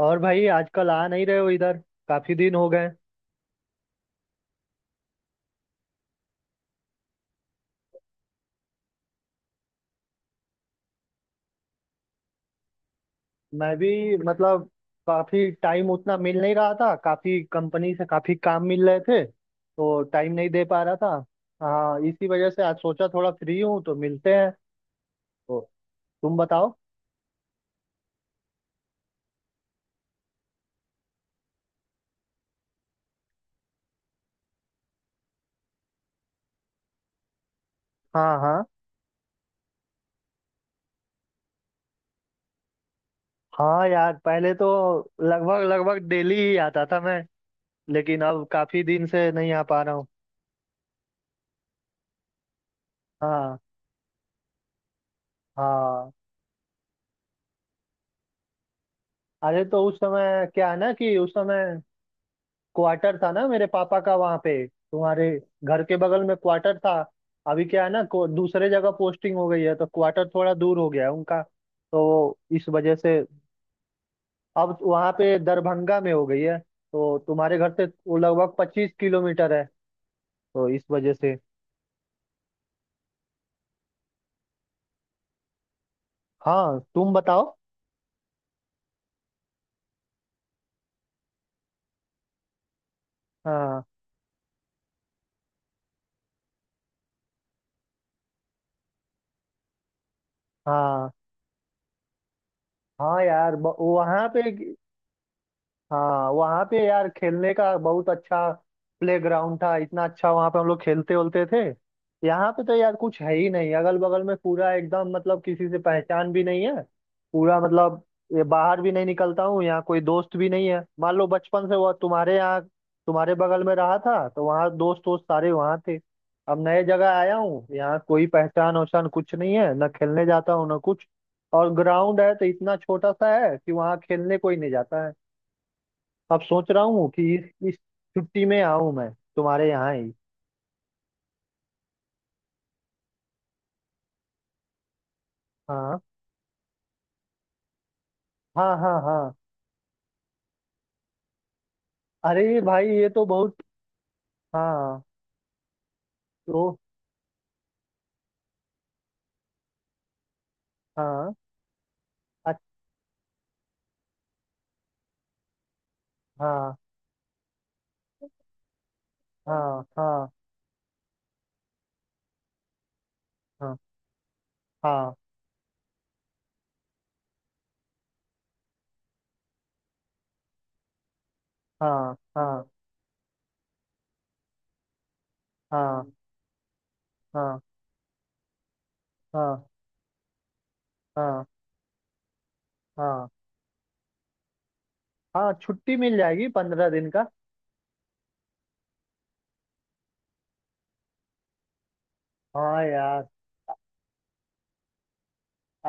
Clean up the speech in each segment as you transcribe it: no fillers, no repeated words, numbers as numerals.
और भाई आजकल आ नहीं रहे हो इधर। काफी दिन हो गए। मैं भी मतलब काफी टाइम उतना मिल नहीं रहा था। काफी कंपनी से काफी काम मिल रहे थे तो टाइम नहीं दे पा रहा था। हाँ इसी वजह से आज सोचा थोड़ा फ्री हूँ तो मिलते हैं। तो तुम बताओ। हाँ हाँ। हाँ यार पहले तो लगभग लगभग डेली ही आता था मैं। लेकिन अब काफी दिन से नहीं आ पा रहा हूँ। हाँ। हाँ। अरे तो उस समय क्या है ना कि उस समय क्वार्टर था ना मेरे पापा का वहां पे, तुम्हारे घर के बगल में क्वार्टर था। अभी क्या है ना को दूसरे जगह पोस्टिंग हो गई है तो क्वार्टर थोड़ा दूर हो गया है उनका। तो इस वजह से अब वहां पे दरभंगा में हो गई है तो तुम्हारे घर से वो लगभग 25 किलोमीटर है। तो इस वजह से। हाँ तुम बताओ। हाँ हाँ। हाँ यार वहाँ पे। हाँ वहाँ पे यार खेलने का बहुत अच्छा प्ले ग्राउंड था, इतना अच्छा। वहाँ पे हम लोग खेलते उलते थे। यहाँ पे तो यार कुछ है ही नहीं। अगल बगल में पूरा एकदम मतलब किसी से पहचान भी नहीं है। पूरा मतलब ये बाहर भी नहीं निकलता हूँ। यहाँ कोई दोस्त भी नहीं है। मान लो बचपन से वो तुम्हारे यहाँ, तुम्हारे बगल में रहा था तो वहाँ दोस्त वोस्त सारे वहाँ थे। अब नए जगह आया हूँ, यहाँ कोई पहचान वहचान कुछ नहीं है। ना खेलने जाता हूँ ना कुछ। और ग्राउंड है तो इतना छोटा सा है कि वहाँ खेलने कोई नहीं जाता है। अब सोच रहा हूँ कि इस छुट्टी में आऊँ मैं तुम्हारे यहाँ ही। हाँ हाँ। हाँ हाँ। अरे भाई ये तो बहुत। हाँ। तो। हाँ। अच्छा। हाँ हाँ हाँ। हाँ हाँ हाँ। हाँ हाँ हाँ। हाँ हाँ, हाँ, हाँ हाँ, हाँ, छुट्टी मिल जाएगी 15 दिन का। हाँ यार।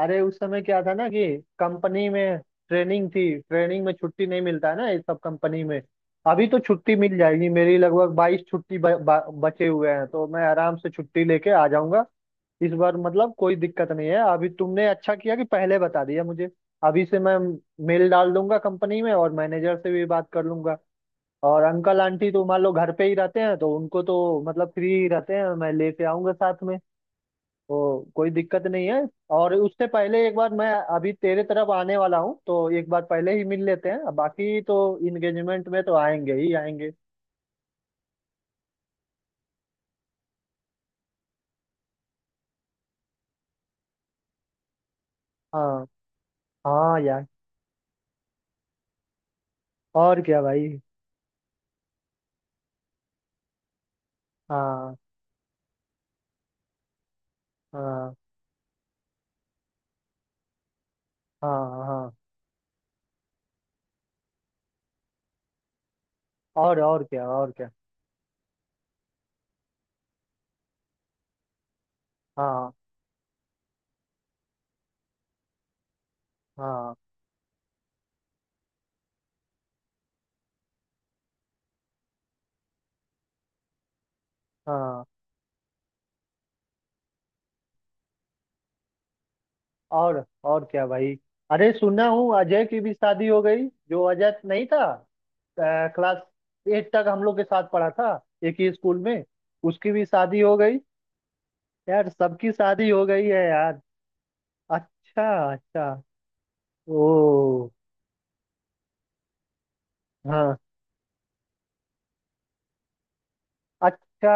अरे उस समय क्या था ना कि कंपनी में ट्रेनिंग थी, ट्रेनिंग में छुट्टी नहीं मिलता है ना ये सब कंपनी में। अभी तो छुट्टी मिल जाएगी, मेरी लगभग 22 छुट्टी ब, ब, बचे हुए हैं तो मैं आराम से छुट्टी लेके आ जाऊंगा। इस बार मतलब कोई दिक्कत नहीं है। अभी तुमने अच्छा किया कि पहले बता दिया मुझे। अभी से मैं मेल डाल दूंगा कंपनी में और मैनेजर से भी बात कर लूंगा। और अंकल आंटी तो मान लो घर पे ही रहते हैं तो उनको तो मतलब फ्री ही रहते हैं, मैं लेके आऊंगा साथ में। तो कोई दिक्कत नहीं है। और उससे पहले एक बार मैं, अभी तेरे तरफ आने वाला हूँ तो एक बार पहले ही मिल लेते हैं। बाकी तो इंगेजमेंट में तो आएंगे ही आएंगे। हाँ हाँ यार। और क्या भाई। हाँ हाँ हाँ हाँ। और क्या, और क्या। हाँ हाँ हाँ। और क्या भाई। अरे सुना हूँ अजय की भी शादी हो गई, जो अजय नहीं था क्लास एट तक हम लोग के साथ पढ़ा था एक ही स्कूल में, उसकी भी शादी हो गई। यार सबकी शादी हो गई है यार। अच्छा। अच्छा। ओ। हाँ। अच्छा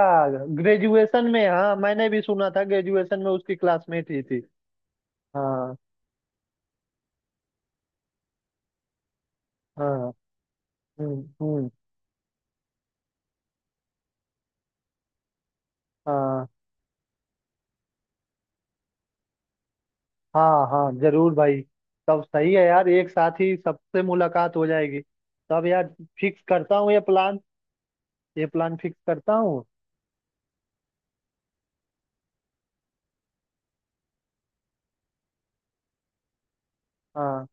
ग्रेजुएशन में, हाँ मैंने भी सुना था ग्रेजुएशन में उसकी क्लासमेट ही थी। हाँ हाँ। हम्म। हाँ हाँ हाँ जरूर भाई। तब सही है यार, एक साथ ही सबसे मुलाकात हो जाएगी। तब यार फिक्स करता हूँ ये प्लान। ये प्लान फिक्स करता हूँ। हाँ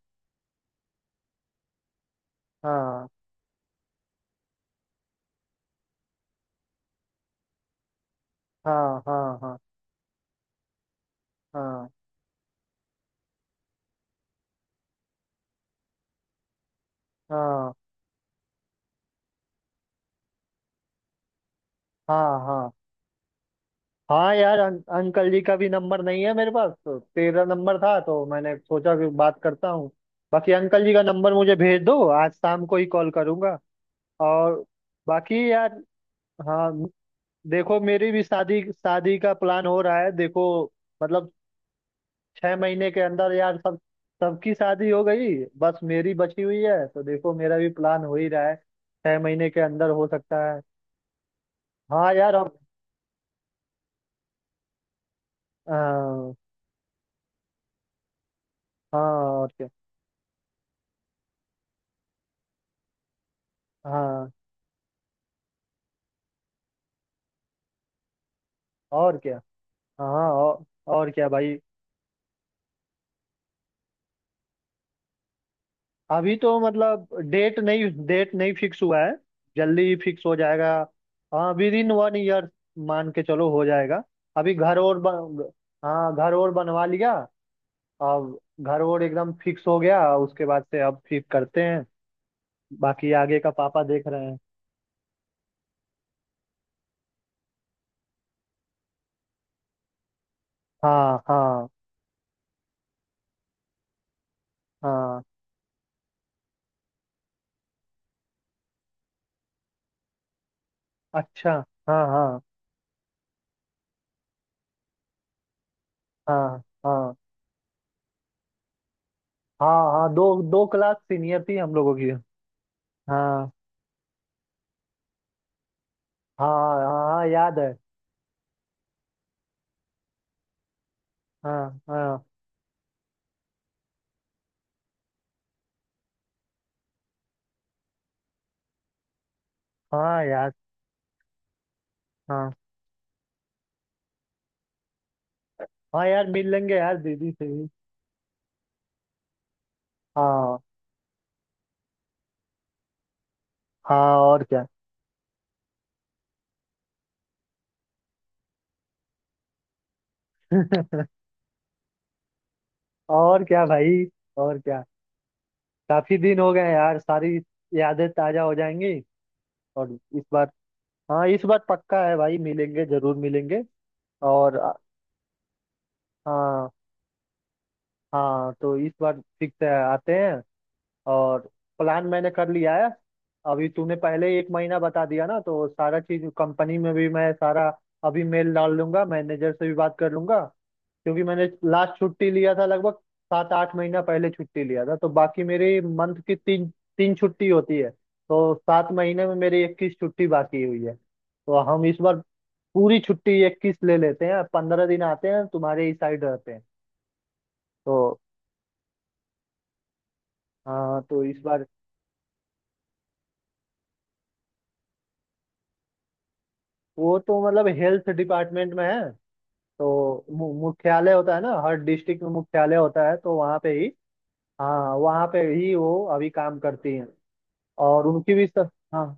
हाँ हाँ। हाँ हाँ। हाँ हाँ। हाँ हाँ। हाँ यार अंकल जी का भी नंबर नहीं है मेरे पास, तो तेरा नंबर था तो मैंने सोचा कि बात करता हूँ। बाकी अंकल जी का नंबर मुझे भेज दो, आज शाम को ही कॉल करूँगा। और बाकी यार। हाँ देखो मेरी भी शादी, शादी का प्लान हो रहा है देखो। मतलब 6 महीने के अंदर यार सब, सबकी शादी हो गई। बस मेरी बची हुई है तो देखो मेरा भी प्लान हो ही रहा है, 6 महीने के अंदर हो सकता है। हाँ यार अब। हाँ हाँ। और क्या। हाँ और क्या। हाँ और क्या भाई। अभी तो मतलब डेट नहीं, डेट नहीं फिक्स हुआ है। जल्दी ही फिक्स हो जाएगा। हाँ विद इन 1 ईयर मान के चलो हो जाएगा। अभी घर और बन, हाँ घर और बनवा लिया। अब घर और एकदम फिक्स हो गया उसके बाद से, अब फिर करते हैं। बाकी आगे का पापा देख रहे हैं। हाँ हाँ हाँ। अच्छा। हाँ हाँ हाँ। हाँ हाँ हाँ दो, दो क्लास सीनियर थी हम लोगों की। हाँ हाँ। हाँ हाँ याद है। हाँ हाँ हाँ यार। हाँ हाँ यार मिल लेंगे यार दीदी से भी। हाँ हाँ और क्या और क्या भाई। और क्या। काफी दिन हो गए यार, सारी यादें ताजा हो जाएंगी। और इस बार। हाँ इस बार पक्का है भाई, मिलेंगे जरूर मिलेंगे। और हाँ। हाँ तो इस बार फिक्स है, आते हैं। और प्लान मैंने कर लिया है। अभी तूने पहले ही एक महीना बता दिया ना तो सारा चीज कंपनी में भी मैं सारा, अभी मेल डाल लूंगा मैनेजर से भी बात कर लूंगा। क्योंकि मैंने लास्ट छुट्टी लिया था लगभग 7 8 महीना पहले छुट्टी लिया था। तो बाकी मेरी मंथ की तीन, तीन छुट्टी होती है। तो 7 महीने में मेरी 21 छुट्टी बाकी हुई है, तो हम इस बार पूरी छुट्टी 21 ले लेते हैं, 15 दिन आते हैं तुम्हारे ही साइड रहते हैं। तो। हाँ तो इस बार। वो तो मतलब हेल्थ डिपार्टमेंट में है। तो मुख्यालय होता है ना हर डिस्ट्रिक्ट में, मुख्यालय होता है तो वहाँ पे ही। हाँ वहाँ पे ही वो अभी काम करती हैं। और उनकी भी हाँ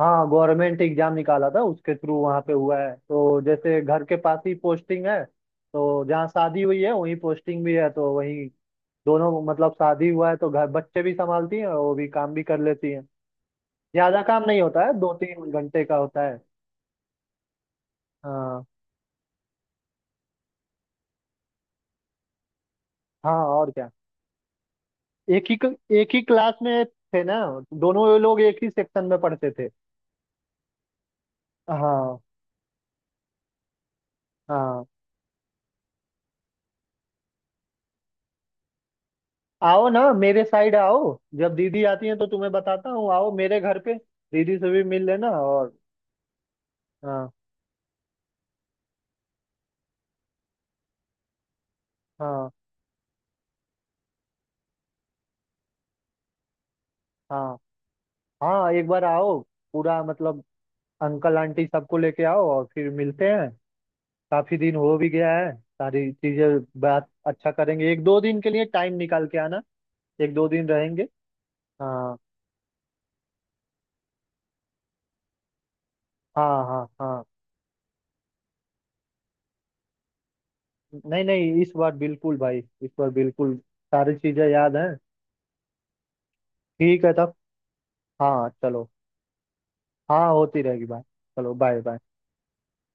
हाँ गवर्नमेंट एग्जाम निकाला था उसके थ्रू वहाँ पे हुआ है, तो जैसे घर के पास ही पोस्टिंग है तो जहाँ शादी हुई है वहीं पोस्टिंग भी है तो वहीं दोनों, मतलब शादी हुआ है तो घर बच्चे भी संभालती हैं और वो भी काम भी कर लेती हैं। ज्यादा काम नहीं होता है, 2 3 घंटे का होता है। हाँ हाँ और क्या। एक ही, एक ही क्लास में थे ना, दोनों ये लोग एक ही सेक्शन में पढ़ते थे। हाँ हाँ। आओ ना मेरे साइड आओ। जब दीदी आती है तो तुम्हें बताता हूँ, आओ मेरे घर पे। दीदी से भी मिल लेना और। हाँ हाँ। हाँ हाँ एक बार आओ। पूरा मतलब अंकल आंटी सबको लेके आओ और फिर मिलते हैं। काफी दिन हो भी गया है, सारी चीजें बात अच्छा करेंगे, एक दो दिन के लिए टाइम निकाल के आना। एक दो दिन रहेंगे। हाँ हाँ। हाँ हाँ। नहीं नहीं इस बार बिल्कुल भाई, इस बार बिल्कुल सारी चीजें याद हैं। ठीक है तब। हाँ चलो। हाँ होती रहेगी बात। चलो बाय बाय।